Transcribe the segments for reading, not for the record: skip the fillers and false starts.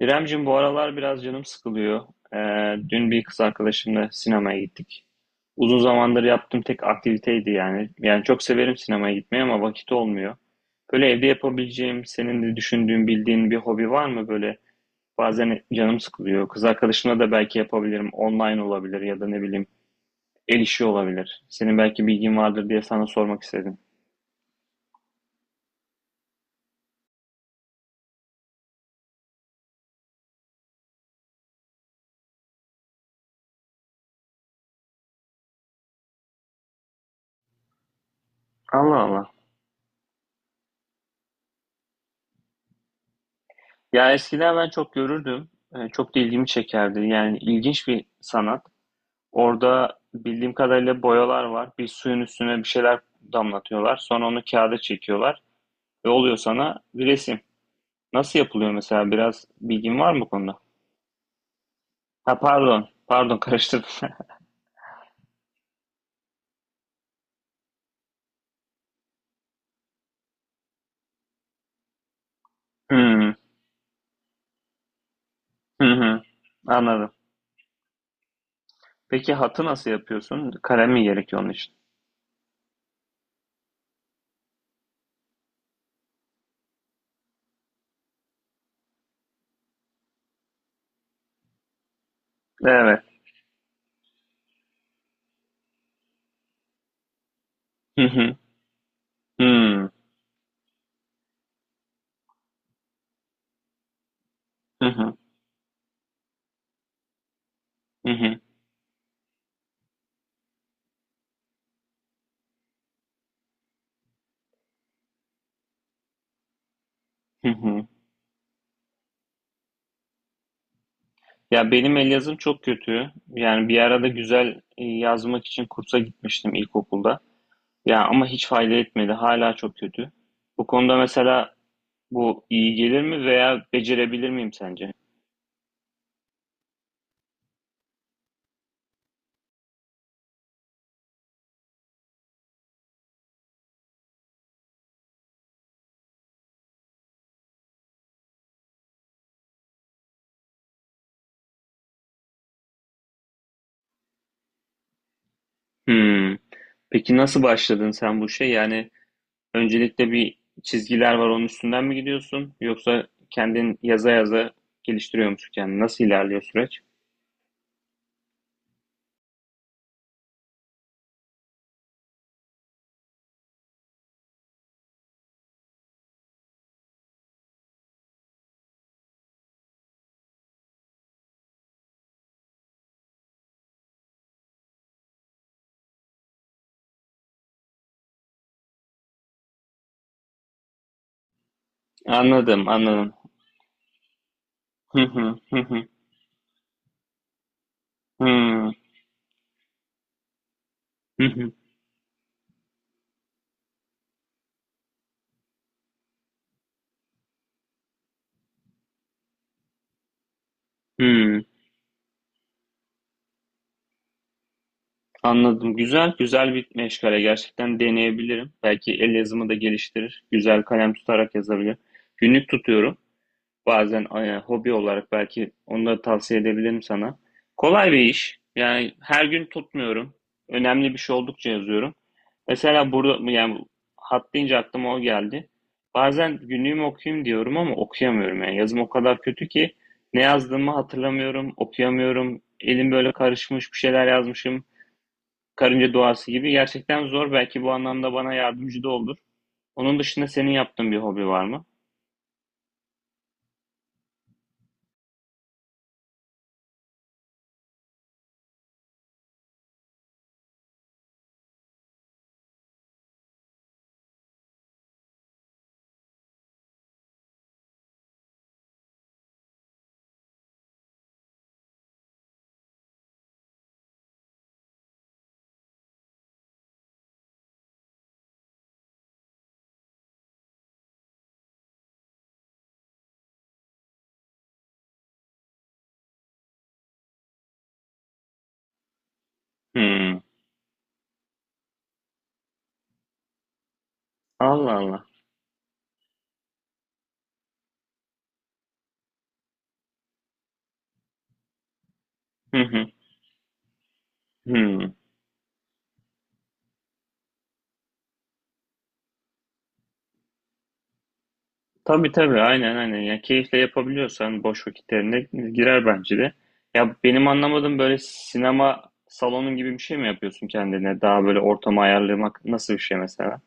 İremcim bu aralar biraz canım sıkılıyor. Dün bir kız arkadaşımla sinemaya gittik. Uzun zamandır yaptığım tek aktiviteydi yani. Yani çok severim sinemaya gitmeyi ama vakit olmuyor. Böyle evde yapabileceğim, senin de düşündüğün, bildiğin bir hobi var mı böyle? Bazen canım sıkılıyor. Kız arkadaşımla da belki yapabilirim. Online olabilir ya da ne bileyim el işi olabilir. Senin belki bilgin vardır diye sana sormak istedim. Allah Allah. Ya eskiden ben çok görürdüm. Çok da ilgimi çekerdi. Yani ilginç bir sanat. Orada bildiğim kadarıyla boyalar var. Bir suyun üstüne bir şeyler damlatıyorlar. Sonra onu kağıda çekiyorlar ve oluyor sana bir resim. Nasıl yapılıyor mesela? Biraz bilgin var mı bu konuda? Ha, pardon. Pardon, karıştırdım. Hmm. Hı hı. Anladım. Peki hatı nasıl yapıyorsun? Kalem mi gerekiyor onun için? Evet. Hı hı. Hmm. Hı hı. Hı hı. Hı hı. Ya benim el yazım çok kötü. Yani bir arada güzel yazmak için kursa gitmiştim ilkokulda. Ya ama hiç fayda etmedi. Hala çok kötü. Bu konuda mesela bu iyi gelir mi veya becerebilir miyim sence? Hmm. Peki nasıl başladın sen bu şey? Yani öncelikle bir çizgiler var onun üstünden mi gidiyorsun? Yoksa kendin yaza yaza geliştiriyor musun kendini? Nasıl ilerliyor süreç? Anladım, anladım. Hı, hı hı, hı hı, hı hı. Anladım. Güzel, güzel bir meşgale. Gerçekten deneyebilirim. Belki el yazımı da geliştirir. Güzel kalem tutarak yazabilirim. Günlük tutuyorum. Bazen hobi olarak belki onu da tavsiye edebilirim sana. Kolay bir iş. Yani her gün tutmuyorum. Önemli bir şey oldukça yazıyorum. Mesela burada yani hat deyince aklıma o geldi. Bazen günlüğümü okuyayım diyorum ama okuyamıyorum. Yani yazım o kadar kötü ki ne yazdığımı hatırlamıyorum, okuyamıyorum. Elim böyle karışmış, bir şeyler yazmışım karınca duası gibi. Gerçekten zor. Belki bu anlamda bana yardımcı da olur. Onun dışında senin yaptığın bir hobi var mı? Hmm. Allah Allah. Hı hı. Hmm. Tabii tabii. Aynen aynen. Ya keyifle yapabiliyorsan boş vakitlerine girer bence de. Ya benim anlamadığım böyle sinema salonun gibi bir şey mi yapıyorsun kendine? Daha böyle ortamı ayarlamak nasıl bir şey mesela?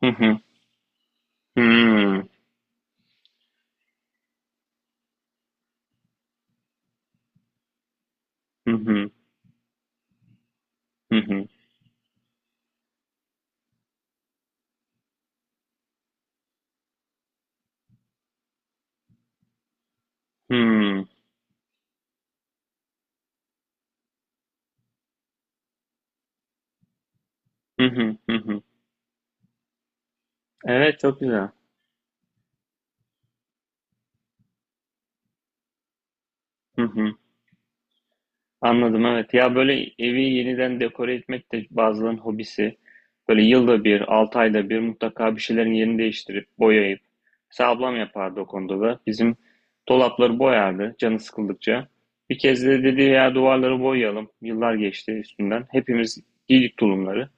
Hı hı. Hmm. Hı hı. Hı hı. Hmm. Hı hı. Hı hı. Evet, çok güzel. Hı hı. Anladım, evet. Ya böyle evi yeniden dekore etmek de bazılarının hobisi. Böyle yılda bir, 6 ayda bir mutlaka bir şeylerin yerini değiştirip boyayıp. Mesela ablam yapardı o konuda da. Bizim dolapları boyardı canı sıkıldıkça. Bir kez de dedi ya duvarları boyayalım. Yıllar geçti üstünden. Hepimiz giydik tulumları.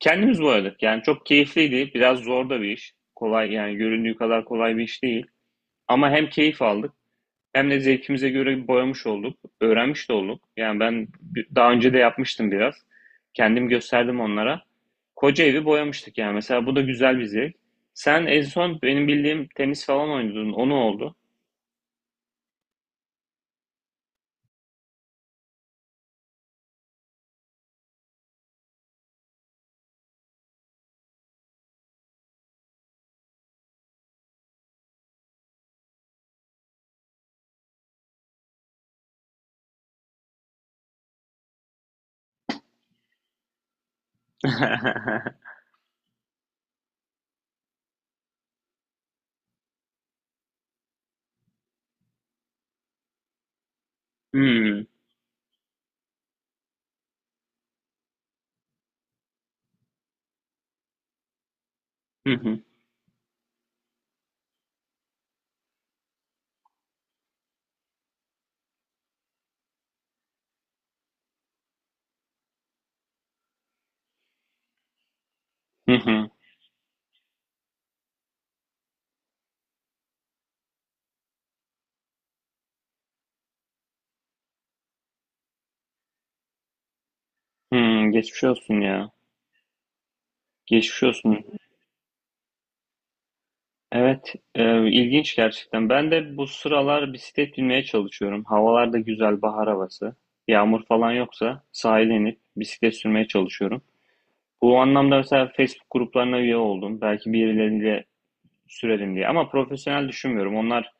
Kendimiz boyadık. Yani çok keyifliydi. Biraz zor da bir iş. Kolay yani göründüğü kadar kolay bir iş değil. Ama hem keyif aldık. Hem de zevkimize göre boyamış olduk, öğrenmiş de olduk. Yani ben daha önce de yapmıştım biraz. Kendim gösterdim onlara. Koca evi boyamıştık yani. Mesela bu da güzel bir zevk. Sen en son benim bildiğim tenis falan oynadın. O ne oldu? Hmm. Hı hı. Hı hı. Hmm, geçmiş olsun ya. Geçmiş olsun. Evet, ilginç gerçekten. Ben de bu sıralar bisiklet binmeye çalışıyorum. Havalar da güzel, bahar havası. Yağmur falan yoksa sahile inip bisiklet sürmeye çalışıyorum. Bu anlamda mesela Facebook gruplarına üye oldum. Belki birileriyle sürelim diye. Ama profesyonel düşünmüyorum. Onlar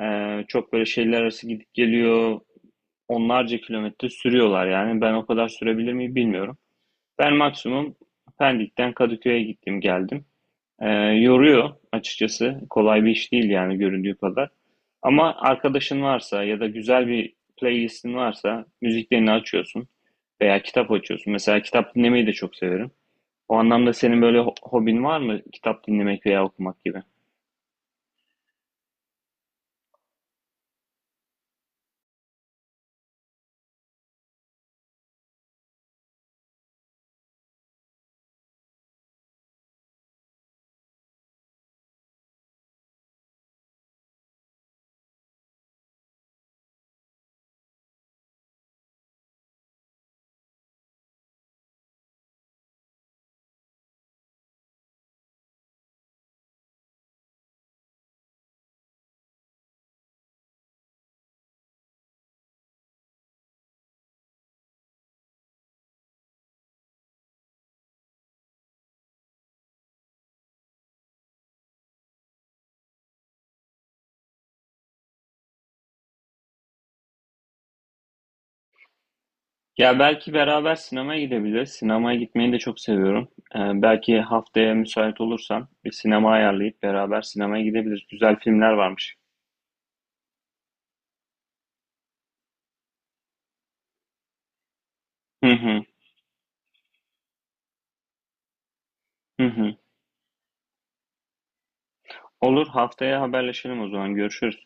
e, çok böyle şehirler arası gidip geliyor. Onlarca kilometre sürüyorlar yani. Ben o kadar sürebilir miyim bilmiyorum. Ben maksimum Pendik'ten Kadıköy'e gittim geldim. Yoruyor açıkçası. Kolay bir iş değil yani göründüğü kadar. Ama arkadaşın varsa ya da güzel bir playlistin varsa müziklerini açıyorsun veya kitap açıyorsun. Mesela kitap dinlemeyi de çok severim. O anlamda senin böyle hobin var mı? Kitap dinlemek veya okumak gibi. Ya belki beraber sinemaya gidebiliriz. Sinemaya gitmeyi de çok seviyorum. Belki haftaya müsait olursan bir sinema ayarlayıp beraber sinemaya gidebiliriz. Güzel filmler varmış. Hı hı, hı hı. Olur, haftaya haberleşelim o zaman. Görüşürüz.